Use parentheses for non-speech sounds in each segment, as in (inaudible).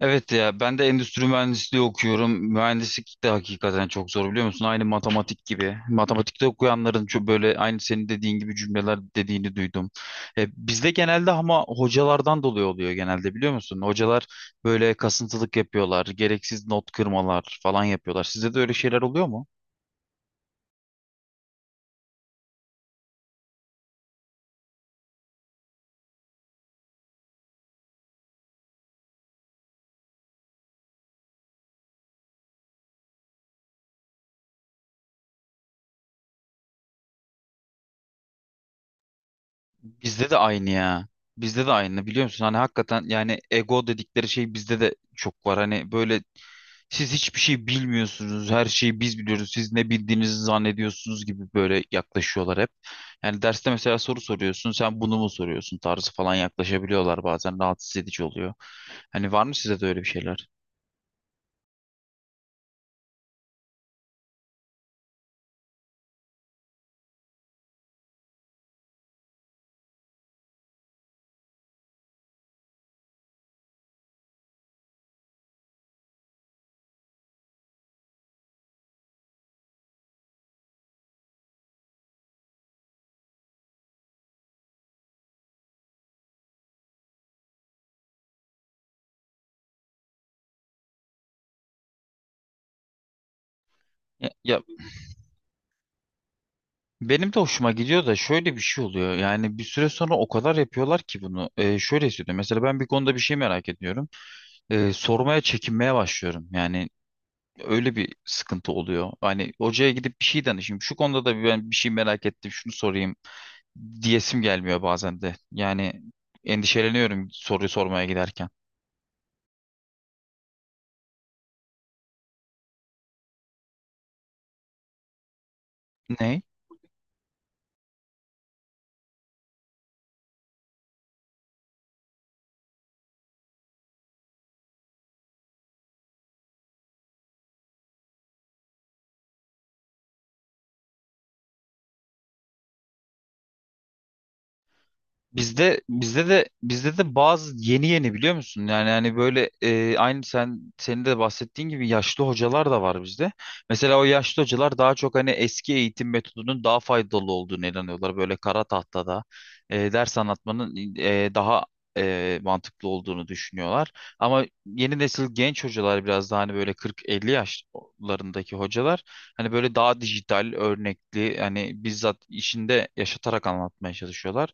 Evet ya, ben de endüstri mühendisliği okuyorum. Mühendislik de hakikaten çok zor, biliyor musun? Aynı matematik gibi. Matematikte okuyanların çok böyle aynı senin dediğin gibi cümleler dediğini duydum. Bizde genelde ama hocalardan dolayı oluyor genelde, biliyor musun? Hocalar böyle kasıntılık yapıyorlar, gereksiz not kırmalar falan yapıyorlar. Sizde de öyle şeyler oluyor mu? Bizde de aynı ya. Bizde de aynı, biliyor musun? Hani hakikaten, yani ego dedikleri şey bizde de çok var. Hani böyle, siz hiçbir şey bilmiyorsunuz. Her şeyi biz biliyoruz. Siz ne bildiğinizi zannediyorsunuz gibi böyle yaklaşıyorlar hep. Yani derste mesela soru soruyorsun. Sen bunu mu soruyorsun tarzı falan yaklaşabiliyorlar bazen. Rahatsız edici oluyor. Hani var mı size de öyle bir şeyler? Ya, benim de hoşuma gidiyor da şöyle bir şey oluyor. Yani bir süre sonra o kadar yapıyorlar ki bunu. Şöyle hissediyorum. Mesela ben bir konuda bir şey merak ediyorum. Sormaya çekinmeye başlıyorum. Yani öyle bir sıkıntı oluyor. Hani hocaya gidip bir şey danışayım. Şu konuda da ben bir şey merak ettim, şunu sorayım diyesim gelmiyor bazen de. Yani endişeleniyorum soruyu sormaya giderken. Ne? Bizde de bazı yeni yeni, biliyor musun? Yani hani böyle, aynı senin de bahsettiğin gibi yaşlı hocalar da var bizde. Mesela o yaşlı hocalar daha çok hani eski eğitim metodunun daha faydalı olduğunu inanıyorlar. Böyle kara tahtada ders anlatmanın daha mantıklı olduğunu düşünüyorlar. Ama yeni nesil genç hocalar biraz daha, hani böyle 40-50 yaşlarındaki hocalar, hani böyle daha dijital, örnekli, hani bizzat işinde yaşatarak anlatmaya çalışıyorlar.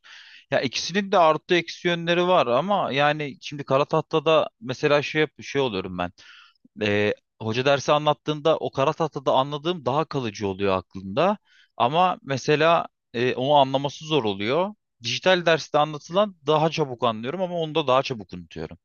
Ya ikisinin de artı eksi yönleri var ama, yani şimdi kara tahtada mesela şey oluyorum ben. Ee, Hoca dersi anlattığında o kara tahtada anladığım daha kalıcı oluyor aklımda. Ama mesela onu anlaması zor oluyor. Dijital derste anlatılan daha çabuk anlıyorum ama onu da daha çabuk unutuyorum.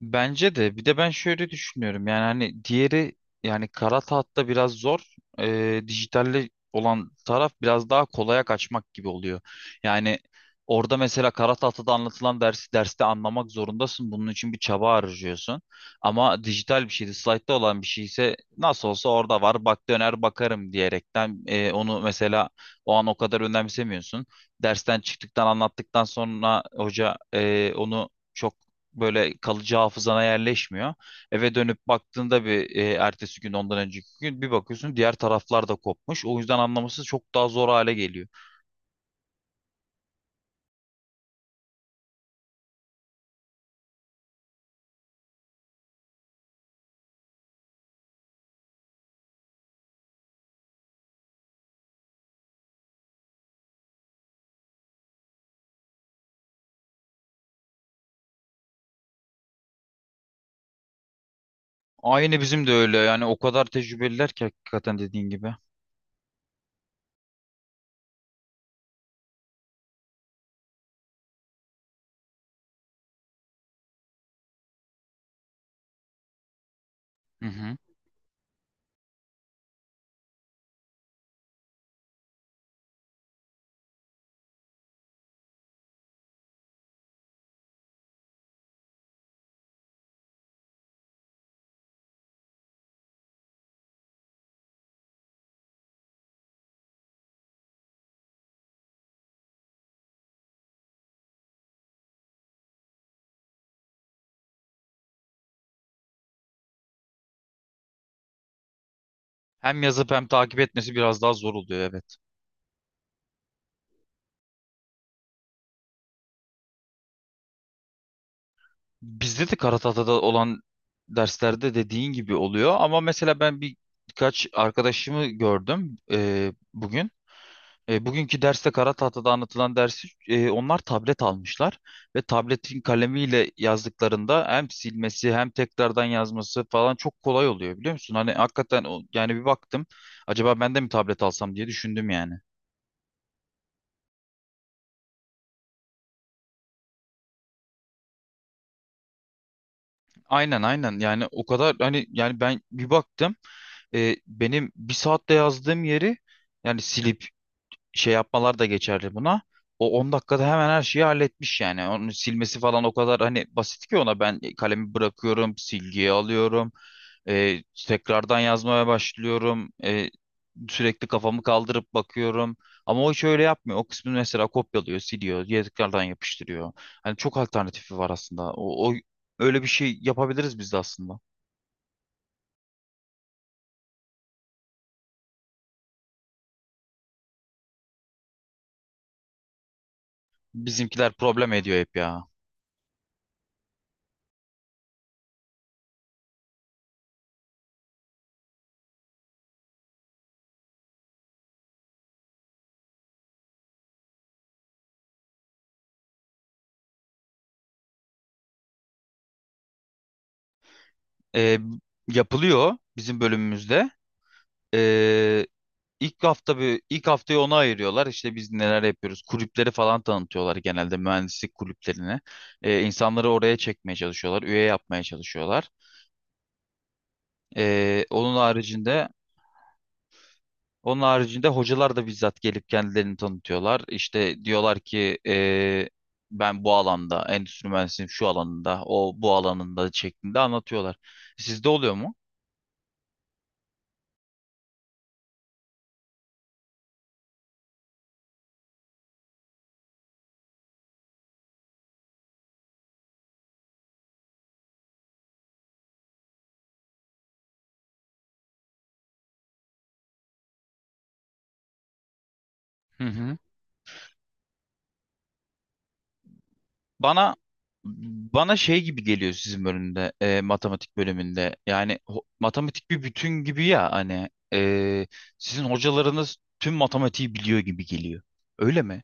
Bence de, bir de ben şöyle düşünüyorum, yani hani diğeri, yani kara tahtta biraz zor. Dijitalde olan taraf biraz daha kolaya kaçmak gibi oluyor. Yani orada mesela kara tahtada anlatılan dersi derste anlamak zorundasın, bunun için bir çaba harcıyorsun, ama dijital bir şeydi, slaytta olan bir şey ise nasıl olsa orada var, bak döner bakarım diyerekten onu mesela o an o kadar önemsemiyorsun. Dersten çıktıktan, anlattıktan sonra hoca, onu çok böyle kalıcı hafızana yerleşmiyor. Eve dönüp baktığında bir, ertesi gün, ondan önceki gün bir bakıyorsun, diğer taraflar da kopmuş. O yüzden anlaması çok daha zor hale geliyor. Aynı bizim de öyle, yani o kadar tecrübeliler ki hakikaten, dediğin gibi. Hı hı. Hem yazıp hem takip etmesi biraz daha zor oluyor, evet. Bizde de Karatata'da olan derslerde dediğin gibi oluyor, ama mesela ben birkaç arkadaşımı gördüm bugün. E, bugünkü derste kara tahtada anlatılan dersi, onlar tablet almışlar ve tabletin kalemiyle yazdıklarında hem silmesi hem tekrardan yazması falan çok kolay oluyor, biliyor musun? Hani hakikaten yani bir baktım, acaba ben de mi tablet alsam diye düşündüm, yani. Aynen, aynen, yani o kadar hani, yani ben bir baktım, benim bir saatte yazdığım yeri, yani silip şey yapmalar da geçerli buna. O 10 dakikada hemen her şeyi halletmiş yani. Onu silmesi falan o kadar hani basit ki, ona ben kalemi bırakıyorum, silgiyi alıyorum, e, tekrardan yazmaya başlıyorum, sürekli kafamı kaldırıp bakıyorum. Ama o hiç öyle yapmıyor. O kısmını mesela kopyalıyor, siliyor, ya tekrardan yapıştırıyor. Hani çok alternatifi var aslında. O, öyle bir şey yapabiliriz biz de aslında. Bizimkiler problem ediyor hep ya. E, yapılıyor bizim bölümümüzde. E, ilk haftayı ona ayırıyorlar. İşte biz neler yapıyoruz? Kulüpleri falan tanıtıyorlar, genelde mühendislik kulüplerini. İnsanları oraya çekmeye çalışıyorlar, üye yapmaya çalışıyorlar. Ee, onun haricinde onun haricinde hocalar da bizzat gelip kendilerini tanıtıyorlar. İşte diyorlar ki ben bu alanda, endüstri mühendisliğinin şu alanında, o bu alanında şeklinde anlatıyorlar. Sizde oluyor mu? Hı hı. Bana Bana şey gibi geliyor sizin bölümde, matematik bölümünde. Yani matematik bir bütün gibi ya, hani e, sizin hocalarınız tüm matematiği biliyor gibi geliyor. Öyle mi?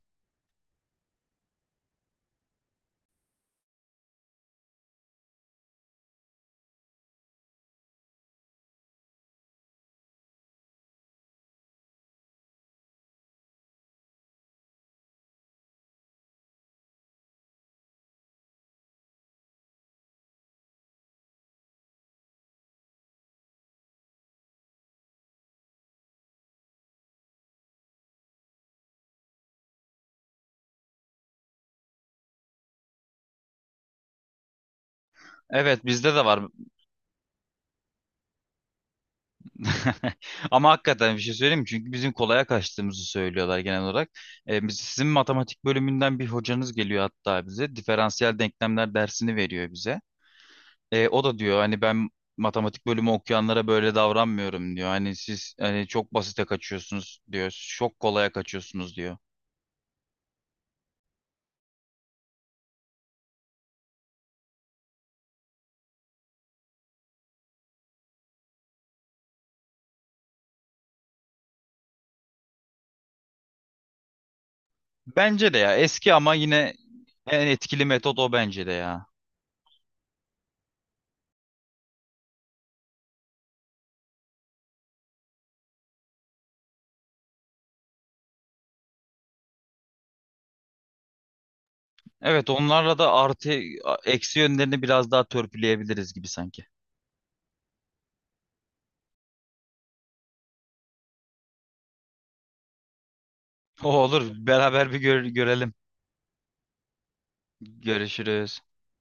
Evet, bizde de var. (laughs) Ama hakikaten bir şey söyleyeyim mi? Çünkü bizim kolaya kaçtığımızı söylüyorlar genel olarak. E, biz, sizin matematik bölümünden bir hocanız geliyor hatta bize. Diferansiyel denklemler dersini veriyor bize. E, o da diyor hani, ben matematik bölümü okuyanlara böyle davranmıyorum diyor. Hani siz hani çok basite kaçıyorsunuz diyor. Çok kolaya kaçıyorsunuz diyor. Bence de ya, eski ama yine en etkili metot o, bence de ya. Evet, onlarla da eksi yönlerini biraz daha törpüleyebiliriz gibi sanki. (laughs) O olur, beraber görelim. Görüşürüz.